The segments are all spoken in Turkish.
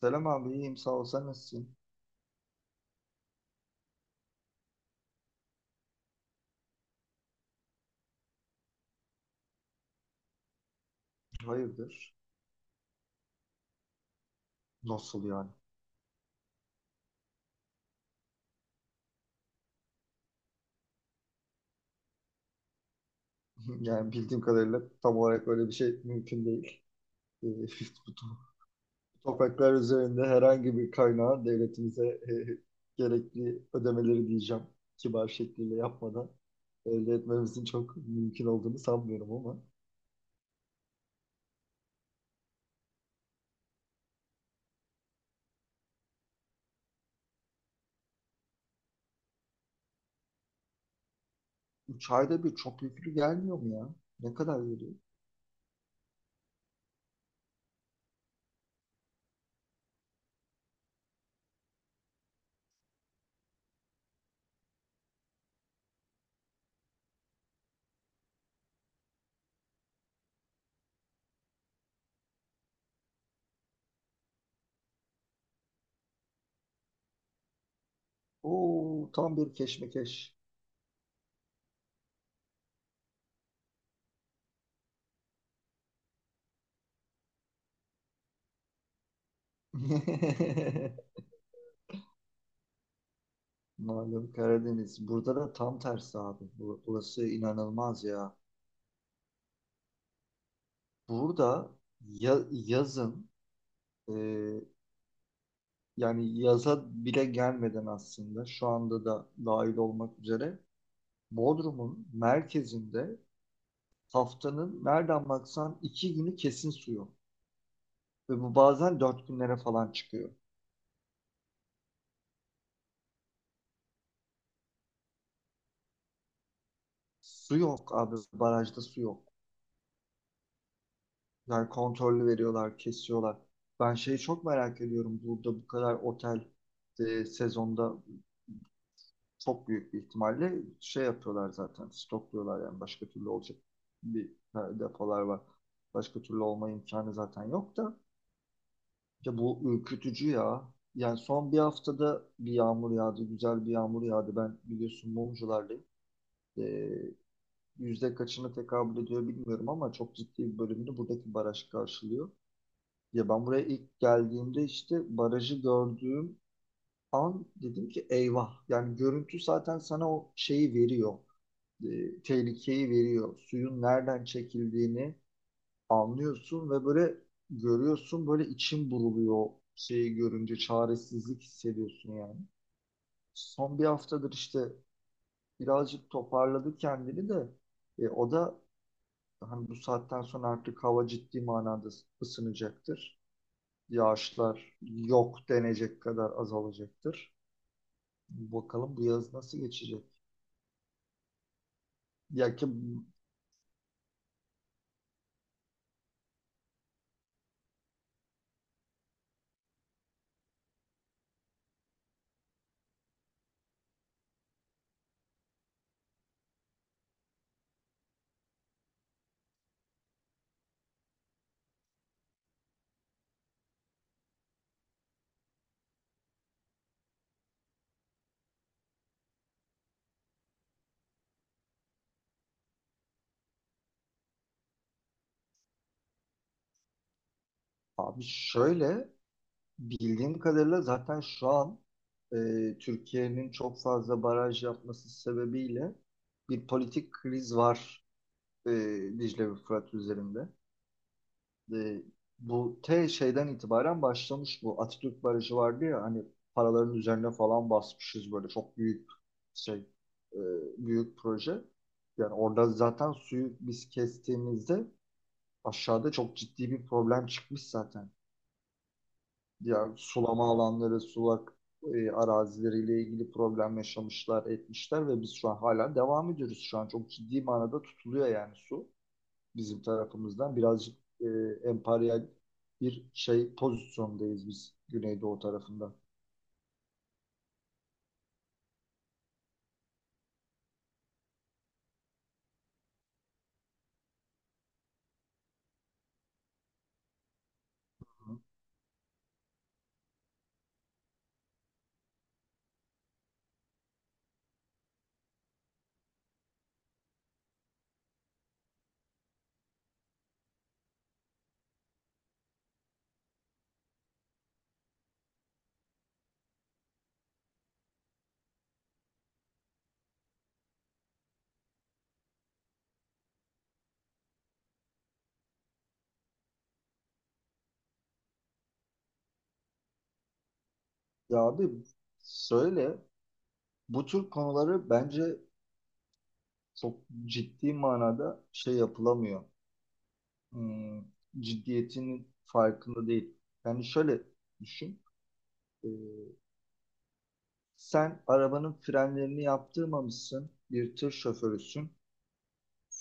Selam abi iyiyim sağ ol sen nasılsın? Hayırdır? Nasıl yani? Yani bildiğim kadarıyla tam olarak öyle bir şey mümkün değil. Ee, bu to- Topraklar üzerinde herhangi bir kaynağı devletimize gerekli ödemeleri diyeceğim kibar şekliyle yapmadan elde etmemizin çok mümkün olduğunu sanmıyorum ama 3 ayda bir çok yüklü gelmiyor mu ya? Ne kadar geliyor? Oo tam bir keşmekeş. Malum Karadeniz. Burada da tam tersi abi. Burası inanılmaz ya. Burada yazın e, yani yaza bile gelmeden aslında şu anda da dahil olmak üzere Bodrum'un merkezinde haftanın nereden baksan iki günü kesin su yok. Ve bu bazen dört günlere falan çıkıyor. Su yok abi. Barajda su yok. Yani kontrollü veriyorlar, kesiyorlar. Ben şeyi çok merak ediyorum. Burada bu kadar otel sezonda çok büyük bir ihtimalle şey yapıyorlar zaten. Stokluyorlar yani başka türlü olacak bir depolar var. Başka türlü olma imkanı zaten yok da. Ya bu ürkütücü ya. Yani son bir haftada bir yağmur yağdı. Güzel bir yağmur yağdı. Ben biliyorsun mumculardayım. Ee, yüzde kaçını tekabül ediyor bilmiyorum ama çok ciddi bir bölümünü buradaki baraj karşılıyor. Ya ben buraya ilk geldiğimde işte barajı gördüğüm an dedim ki eyvah. Yani görüntü zaten sana o şeyi veriyor, tehlikeyi veriyor. Suyun nereden çekildiğini anlıyorsun ve böyle görüyorsun, böyle içim buruluyor o şeyi görünce, çaresizlik hissediyorsun yani. Son bir haftadır işte birazcık toparladı kendini de o da hani bu saatten sonra artık hava ciddi manada ısınacaktır. Yağışlar yok denecek kadar azalacaktır. Bakalım bu yaz nasıl geçecek? Ya ki abi şöyle bildiğim kadarıyla zaten şu an e, Türkiye'nin çok fazla baraj yapması sebebiyle bir politik kriz var, e, Dicle ve Fırat üzerinde. E, Bu şeyden itibaren başlamış bu. Atatürk Barajı vardı ya hani, paraların üzerine falan basmışız, böyle çok büyük şey, e, büyük proje. Yani orada zaten suyu biz kestiğimizde aşağıda çok ciddi bir problem çıkmış zaten. Diğer sulama alanları, sulak arazileriyle ilgili problem yaşamışlar, etmişler ve biz şu an hala devam ediyoruz. Şu an çok ciddi manada tutuluyor yani su bizim tarafımızdan. Birazcık emperyal bir şey pozisyondayız biz Güneydoğu tarafında. Ya abi söyle, bu tür konuları bence çok ciddi manada şey yapılamıyor. Hmm, ciddiyetinin farkında değil. Yani şöyle düşün. e, Sen arabanın frenlerini yaptırmamışsın. Bir tır şoförüsün.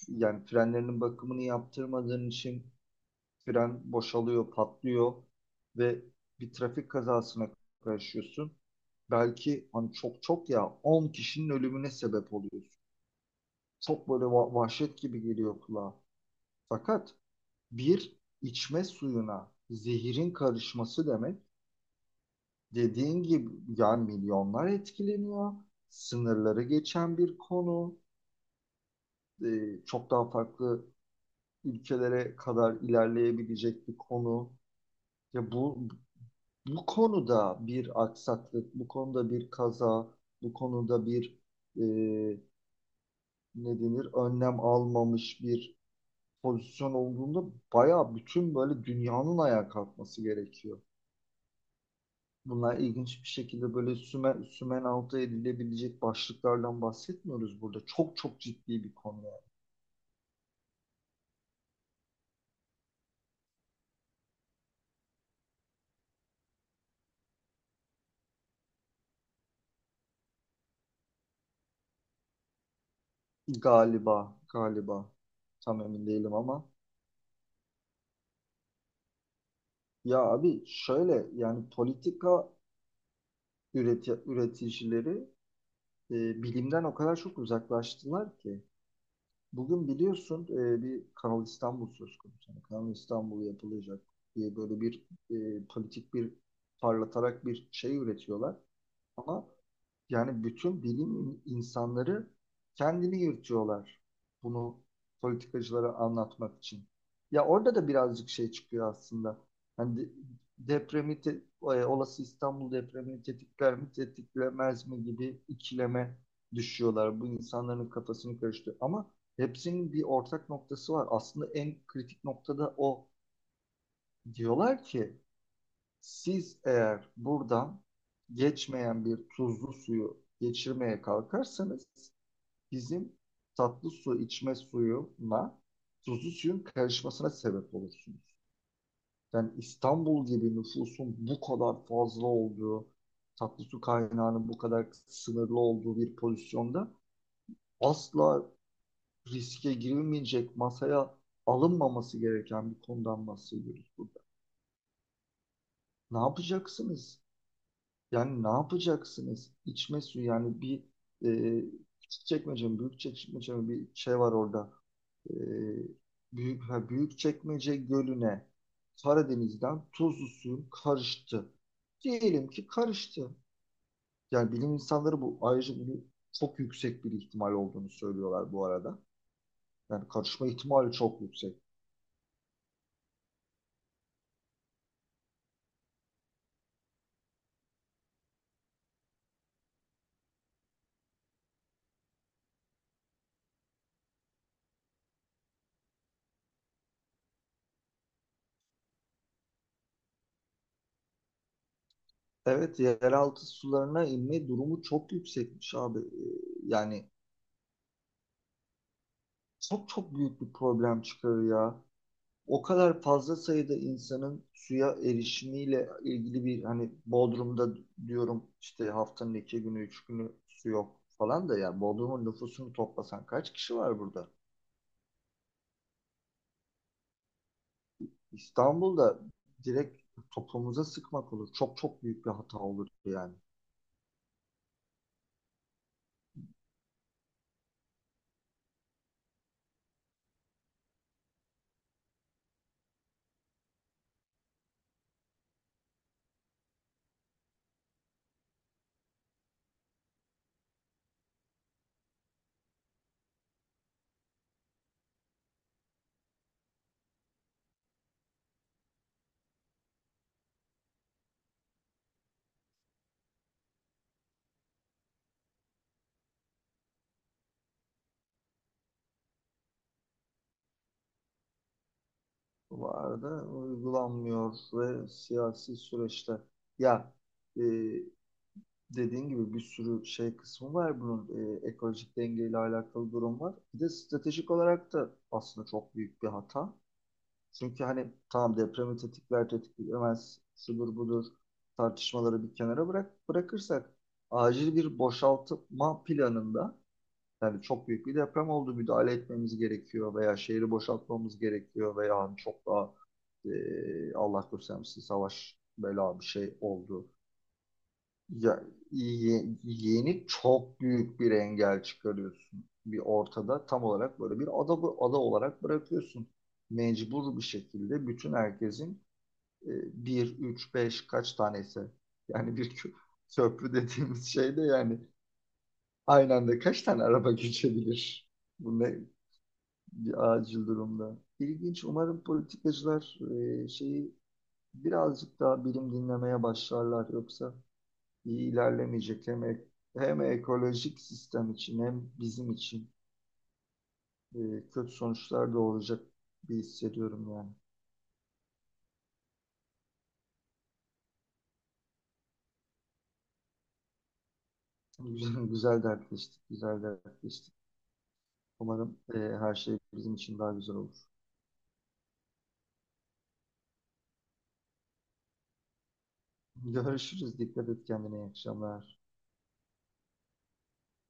Yani frenlerinin bakımını yaptırmadığın için fren boşalıyor, patlıyor ve bir trafik kazasına karışıyorsun. Belki hani çok çok ya 10 kişinin ölümüne sebep oluyorsun. Çok böyle vahşet gibi geliyor kulağa. Fakat bir içme suyuna zehirin karışması demek, dediğin gibi yani milyonlar etkileniyor. Sınırları geçen bir konu, çok daha farklı ülkelere kadar ilerleyebilecek bir konu. Ya bu, bu konuda bir aksaklık, bu konuda bir kaza, bu konuda bir e, ne denir önlem almamış bir pozisyon olduğunda, bayağı bütün böyle dünyanın ayağa kalkması gerekiyor. Bunlar ilginç bir şekilde böyle sümen, sümen altı edilebilecek başlıklardan bahsetmiyoruz burada. Çok çok ciddi bir konu yani. Galiba, galiba. Tam emin değilim ama. Ya abi şöyle, yani politika üreticileri bilimden o kadar çok uzaklaştılar ki bugün biliyorsun, bir Kanal İstanbul söz konusu. Yani Kanal İstanbul yapılacak diye böyle bir politik bir parlatarak bir şey üretiyorlar ama yani bütün bilim insanları kendini yırtıyorlar bunu politikacılara anlatmak için. Ya orada da birazcık şey çıkıyor aslında. Hani olası İstanbul depremini tetikler mi, tetiklemez mi gibi ikileme düşüyorlar. Bu insanların kafasını karıştırıyor. Ama hepsinin bir ortak noktası var. Aslında en kritik noktada o. Diyorlar ki siz eğer buradan geçmeyen bir tuzlu suyu geçirmeye kalkarsanız, bizim tatlı su içme suyuna tuzlu suyun karışmasına sebep olursunuz. Yani İstanbul gibi nüfusun bu kadar fazla olduğu, tatlı su kaynağının bu kadar sınırlı olduğu bir pozisyonda asla riske girilmeyecek, masaya alınmaması gereken bir konudan bahsediyoruz burada. Ne yapacaksınız? Yani ne yapacaksınız? İçme suyu yani bir e, küçük çekmece mi, büyük çekmece mi, bir şey var orada. E, Büyük ha, büyük çekmece gölüne Karadeniz'den tuzlu suyun karıştı. Diyelim ki karıştı. Yani bilim insanları bu, ayrıca bunu çok yüksek bir ihtimal olduğunu söylüyorlar bu arada. Yani karışma ihtimali çok yüksek. Evet, yeraltı sularına inme durumu çok yüksekmiş abi. Yani çok çok büyük bir problem çıkarıyor ya. O kadar fazla sayıda insanın suya erişimiyle ilgili bir, hani Bodrum'da diyorum işte haftanın iki günü, üç günü su yok falan da, yani Bodrum'un nüfusunu toplasan kaç kişi var burada? İstanbul'da direkt toplumuza sıkmak olur. Çok çok büyük bir hata olur yani. Bu arada uygulanmıyor ve siyasi süreçte ya, e, dediğin gibi bir sürü şey kısmı var bunun, ekolojik dengeyle alakalı durum var. Bir de stratejik olarak da aslında çok büyük bir hata. Çünkü hani tamam, depremi tetikler tetiklemez şudur budur tartışmaları bir kenara bırakırsak, acil bir boşaltma planında, yani çok büyük bir deprem oldu, müdahale etmemiz gerekiyor veya şehri boşaltmamız gerekiyor veya hani çok daha Allah göstermesin savaş bela bir şey oldu, ya, yeni çok büyük bir engel çıkarıyorsun, bir ortada tam olarak böyle bir ada, ada olarak bırakıyorsun. Mecbur bir şekilde bütün herkesin bir, üç, beş kaç tanesi yani bir köprü dediğimiz şey de yani aynı anda kaç tane araba geçebilir? Bu ne, bir acil durumda. İlginç. Umarım politikacılar şeyi birazcık daha bilim dinlemeye başlarlar, yoksa iyi ilerlemeyecek hem, hem ekolojik sistem için hem bizim için kötü sonuçlar da olacak bir hissediyorum yani. Güzel, güzel dertleştik, güzel dertleştik. Umarım her şey bizim için daha güzel olur. Görüşürüz. Dikkat et kendine. İyi akşamlar.